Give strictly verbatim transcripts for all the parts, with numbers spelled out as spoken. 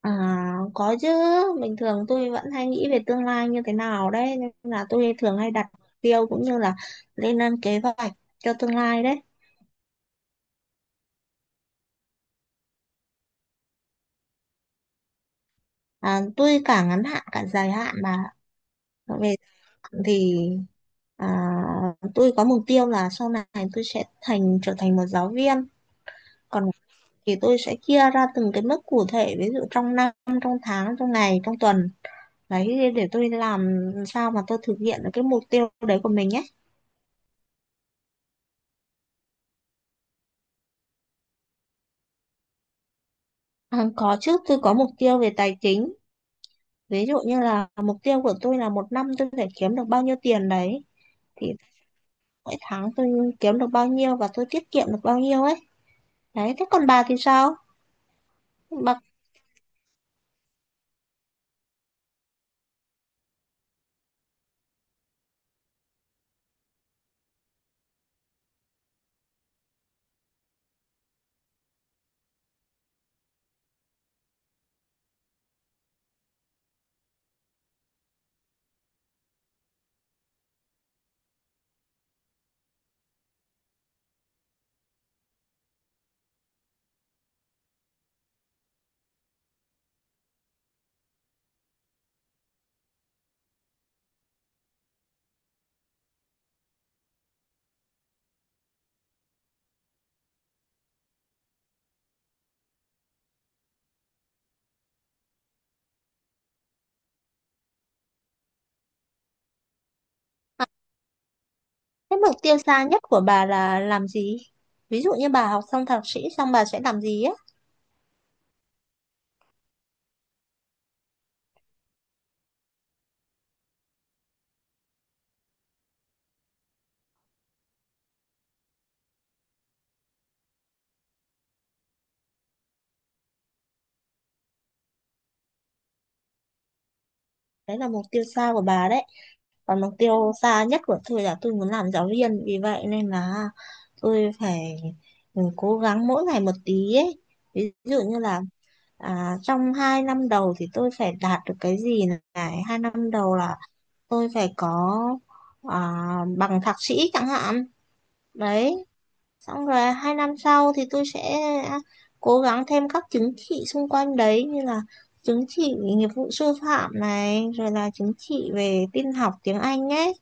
À, có chứ, bình thường tôi vẫn hay nghĩ về tương lai như thế nào đấy, nên là tôi thường hay đặt mục tiêu cũng như là lên lên kế hoạch cho tương lai đấy. À, tôi cả ngắn hạn cả dài hạn mà về hạn thì à, tôi có mục tiêu là sau này tôi sẽ thành trở thành một giáo viên, còn thì tôi sẽ chia ra từng cái mức cụ thể, ví dụ trong năm, trong tháng, trong ngày, trong tuần. Đấy, để tôi làm sao mà tôi thực hiện được cái mục tiêu đấy của mình ấy. À, có chứ, tôi có mục tiêu về tài chính. Ví dụ như là mục tiêu của tôi là một năm tôi phải kiếm được bao nhiêu tiền đấy. Thì mỗi tháng tôi kiếm được bao nhiêu và tôi tiết kiệm được bao nhiêu ấy. Đấy, thế còn bà thì sao? Bà, cái mục tiêu xa nhất của bà là làm gì? Ví dụ như bà học xong thạc sĩ xong bà sẽ làm gì á? Đấy là mục tiêu xa của bà đấy. Còn mục tiêu xa nhất của tôi là tôi muốn làm giáo viên. Vì vậy nên là tôi phải ừ, cố gắng mỗi ngày một tí ấy. Ví dụ như là à, trong hai năm đầu thì tôi phải đạt được cái gì này? Hai năm đầu là tôi phải có à, bằng thạc sĩ chẳng hạn. Đấy, xong rồi hai năm sau thì tôi sẽ cố gắng thêm các chứng chỉ xung quanh đấy như là chứng chỉ nghiệp vụ sư phạm này, rồi là chứng chỉ về tin học tiếng Anh ấy.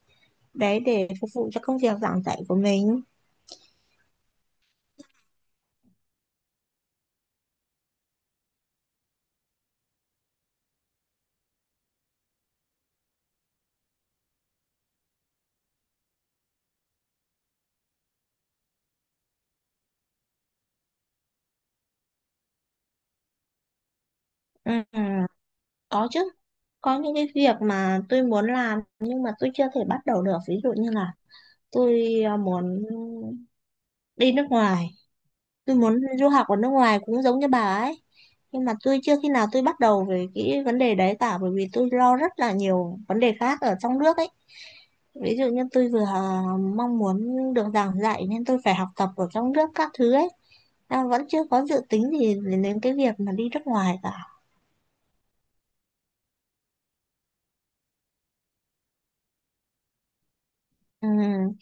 Đấy để phục vụ cho công việc giảng dạy của mình. Ừ, có chứ. Có những cái việc mà tôi muốn làm nhưng mà tôi chưa thể bắt đầu được. Ví dụ như là tôi à, muốn đi nước ngoài, tôi muốn du học ở nước ngoài cũng giống như bà ấy, nhưng mà tôi chưa khi nào tôi bắt đầu về cái vấn đề đấy cả, bởi vì tôi lo rất là nhiều vấn đề khác ở trong nước ấy. Ví dụ như tôi vừa à, mong muốn được giảng dạy nên tôi phải học tập ở trong nước các thứ ấy, à, vẫn chưa có dự tính gì đến đến cái việc mà đi nước ngoài cả. Ừm,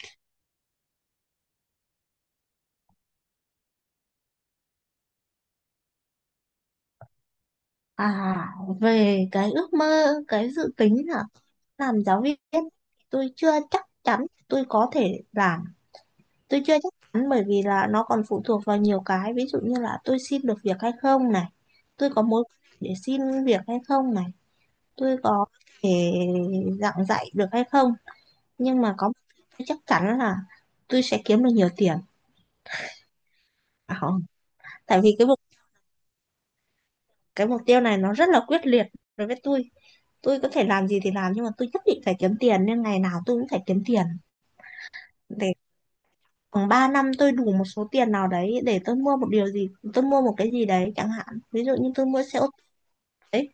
à, về cái ước mơ cái dự tính là làm giáo viên, tôi chưa chắc chắn tôi có thể làm. Tôi chưa chắc chắn bởi vì là nó còn phụ thuộc vào nhiều cái, ví dụ như là tôi xin được việc hay không này, tôi có mối quan hệ để xin việc hay không này, tôi có thể giảng dạy được hay không. Nhưng mà có một điều tôi chắc chắn là tôi sẽ kiếm được nhiều tiền. À, không. Tại vì cái mục cái mục tiêu này nó rất là quyết liệt đối với tôi. Tôi có thể làm gì thì làm, nhưng mà tôi nhất định phải kiếm tiền, nên ngày nào tôi cũng phải kiếm tiền để khoảng ba năm tôi đủ một số tiền nào đấy để tôi mua một điều gì, tôi mua một cái gì đấy chẳng hạn. Ví dụ như tôi mua xe ô tô đấy.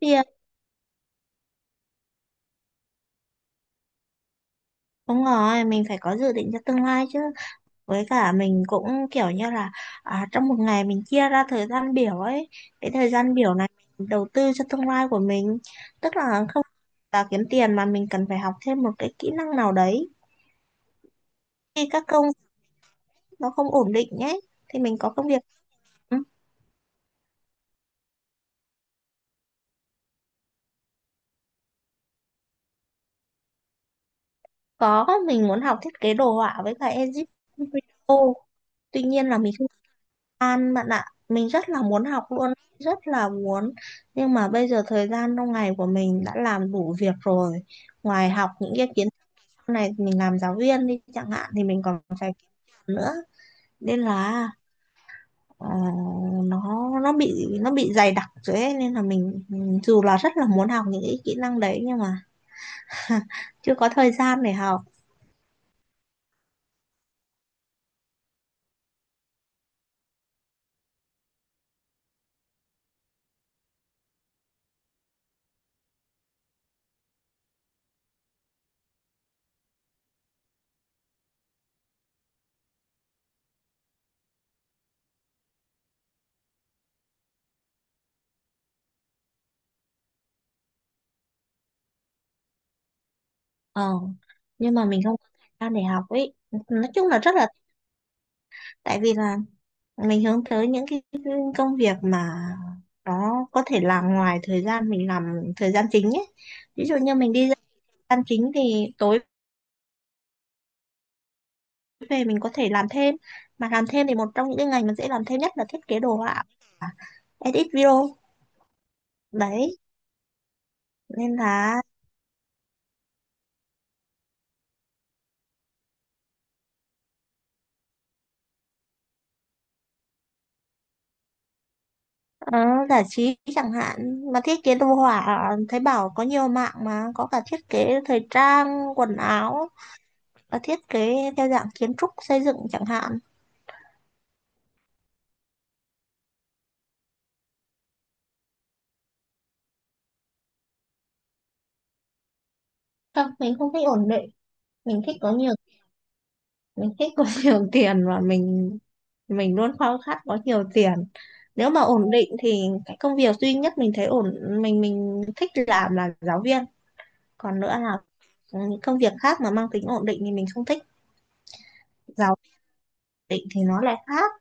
Tiền, đúng rồi, mình phải có dự định cho tương lai chứ. Với cả mình cũng kiểu như là à, trong một ngày mình chia ra thời gian biểu ấy, cái thời gian biểu này mình đầu tư cho tương lai của mình, tức là không là kiếm tiền mà mình cần phải học thêm một cái kỹ năng nào đấy khi các công việc nó không ổn định nhé, thì mình có công việc. Ừ, có, mình muốn học thiết kế đồ họa với cả edit video, tuy nhiên là mình, An bạn ạ, mình rất là muốn học luôn, rất là muốn. Nhưng mà bây giờ thời gian trong ngày của mình đã làm đủ việc rồi. Ngoài học những cái kiến thức này, mình làm giáo viên đi chẳng hạn thì mình còn phải kiếm tiền nữa. Nên là ờ, nó nó bị nó bị dày đặc rồi ấy. Nên là mình mình dù là rất là muốn học những cái kỹ năng đấy nhưng mà chưa có thời gian để học. Ờ, nhưng mà mình không có thời gian để học ấy. Nói chung là rất là, tại vì là mình hướng tới những cái công việc mà nó có thể làm ngoài thời gian mình làm thời gian chính ấy. Ví dụ như mình đi ra thời gian chính thì tối về mình có thể làm thêm, mà làm thêm thì một trong những cái ngành mà dễ làm thêm nhất là thiết kế đồ họa, edit video đấy, nên là ờ, giải trí chẳng hạn. Mà thiết kế đồ họa thấy bảo có nhiều mạng, mà có cả thiết kế thời trang quần áo và thiết kế theo dạng kiến trúc xây dựng chẳng hạn. Không, mình không thích ổn định. Mình thích có nhiều, mình thích có nhiều tiền, và mình, mình luôn khao khát có nhiều tiền. Nếu mà ổn định thì cái công việc duy nhất mình thấy ổn, mình mình thích làm là giáo viên, còn nữa là những công việc khác mà mang tính ổn định thì mình không thích. Giáo định thì nó lại khác.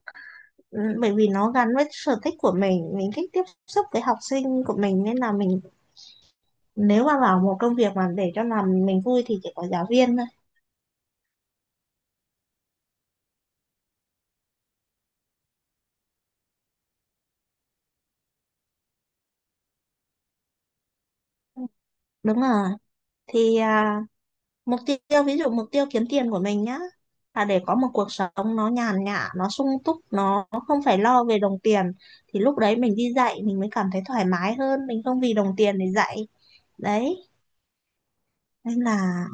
Ừ, bởi vì nó gắn với sở thích của mình mình thích tiếp xúc với học sinh của mình, nên là mình, nếu mà vào một công việc mà để cho làm mình vui thì chỉ có giáo viên thôi. Đúng rồi, thì à, mục tiêu, ví dụ mục tiêu kiếm tiền của mình nhá, là để có một cuộc sống nó nhàn nhã, nó sung túc, nó không phải lo về đồng tiền, thì lúc đấy mình đi dạy mình mới cảm thấy thoải mái hơn, mình không vì đồng tiền để dạy đấy, nên là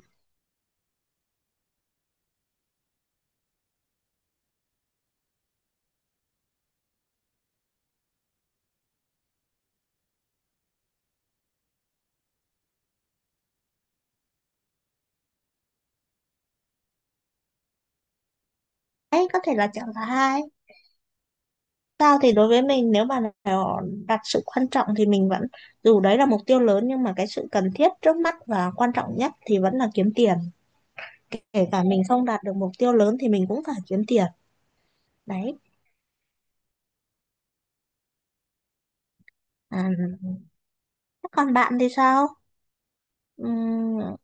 đấy có thể là chọn thứ hai. Sao thì đối với mình, nếu mà nó đặt sự quan trọng thì mình vẫn, dù đấy là mục tiêu lớn nhưng mà cái sự cần thiết trước mắt và quan trọng nhất thì vẫn là kiếm tiền. Kể cả mình không đạt được mục tiêu lớn thì mình cũng phải kiếm tiền đấy. À, thế còn bạn thì sao? Ừm,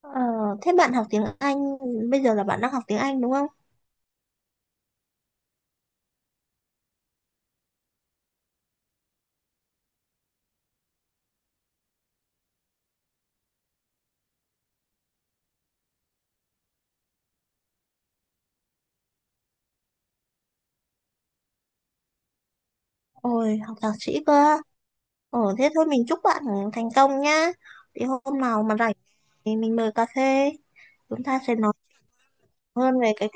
ờ, thế bạn học tiếng Anh, bây giờ là bạn đang học tiếng Anh đúng không? Ôi, học thạc sĩ cơ. Ồ, thế thôi mình chúc bạn thành công nhá. Thì hôm nào mà rảnh thì mình mời cà phê, chúng ta sẽ nói hơn về cái.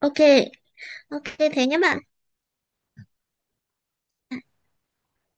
Ok, ok, thế nhé bạn.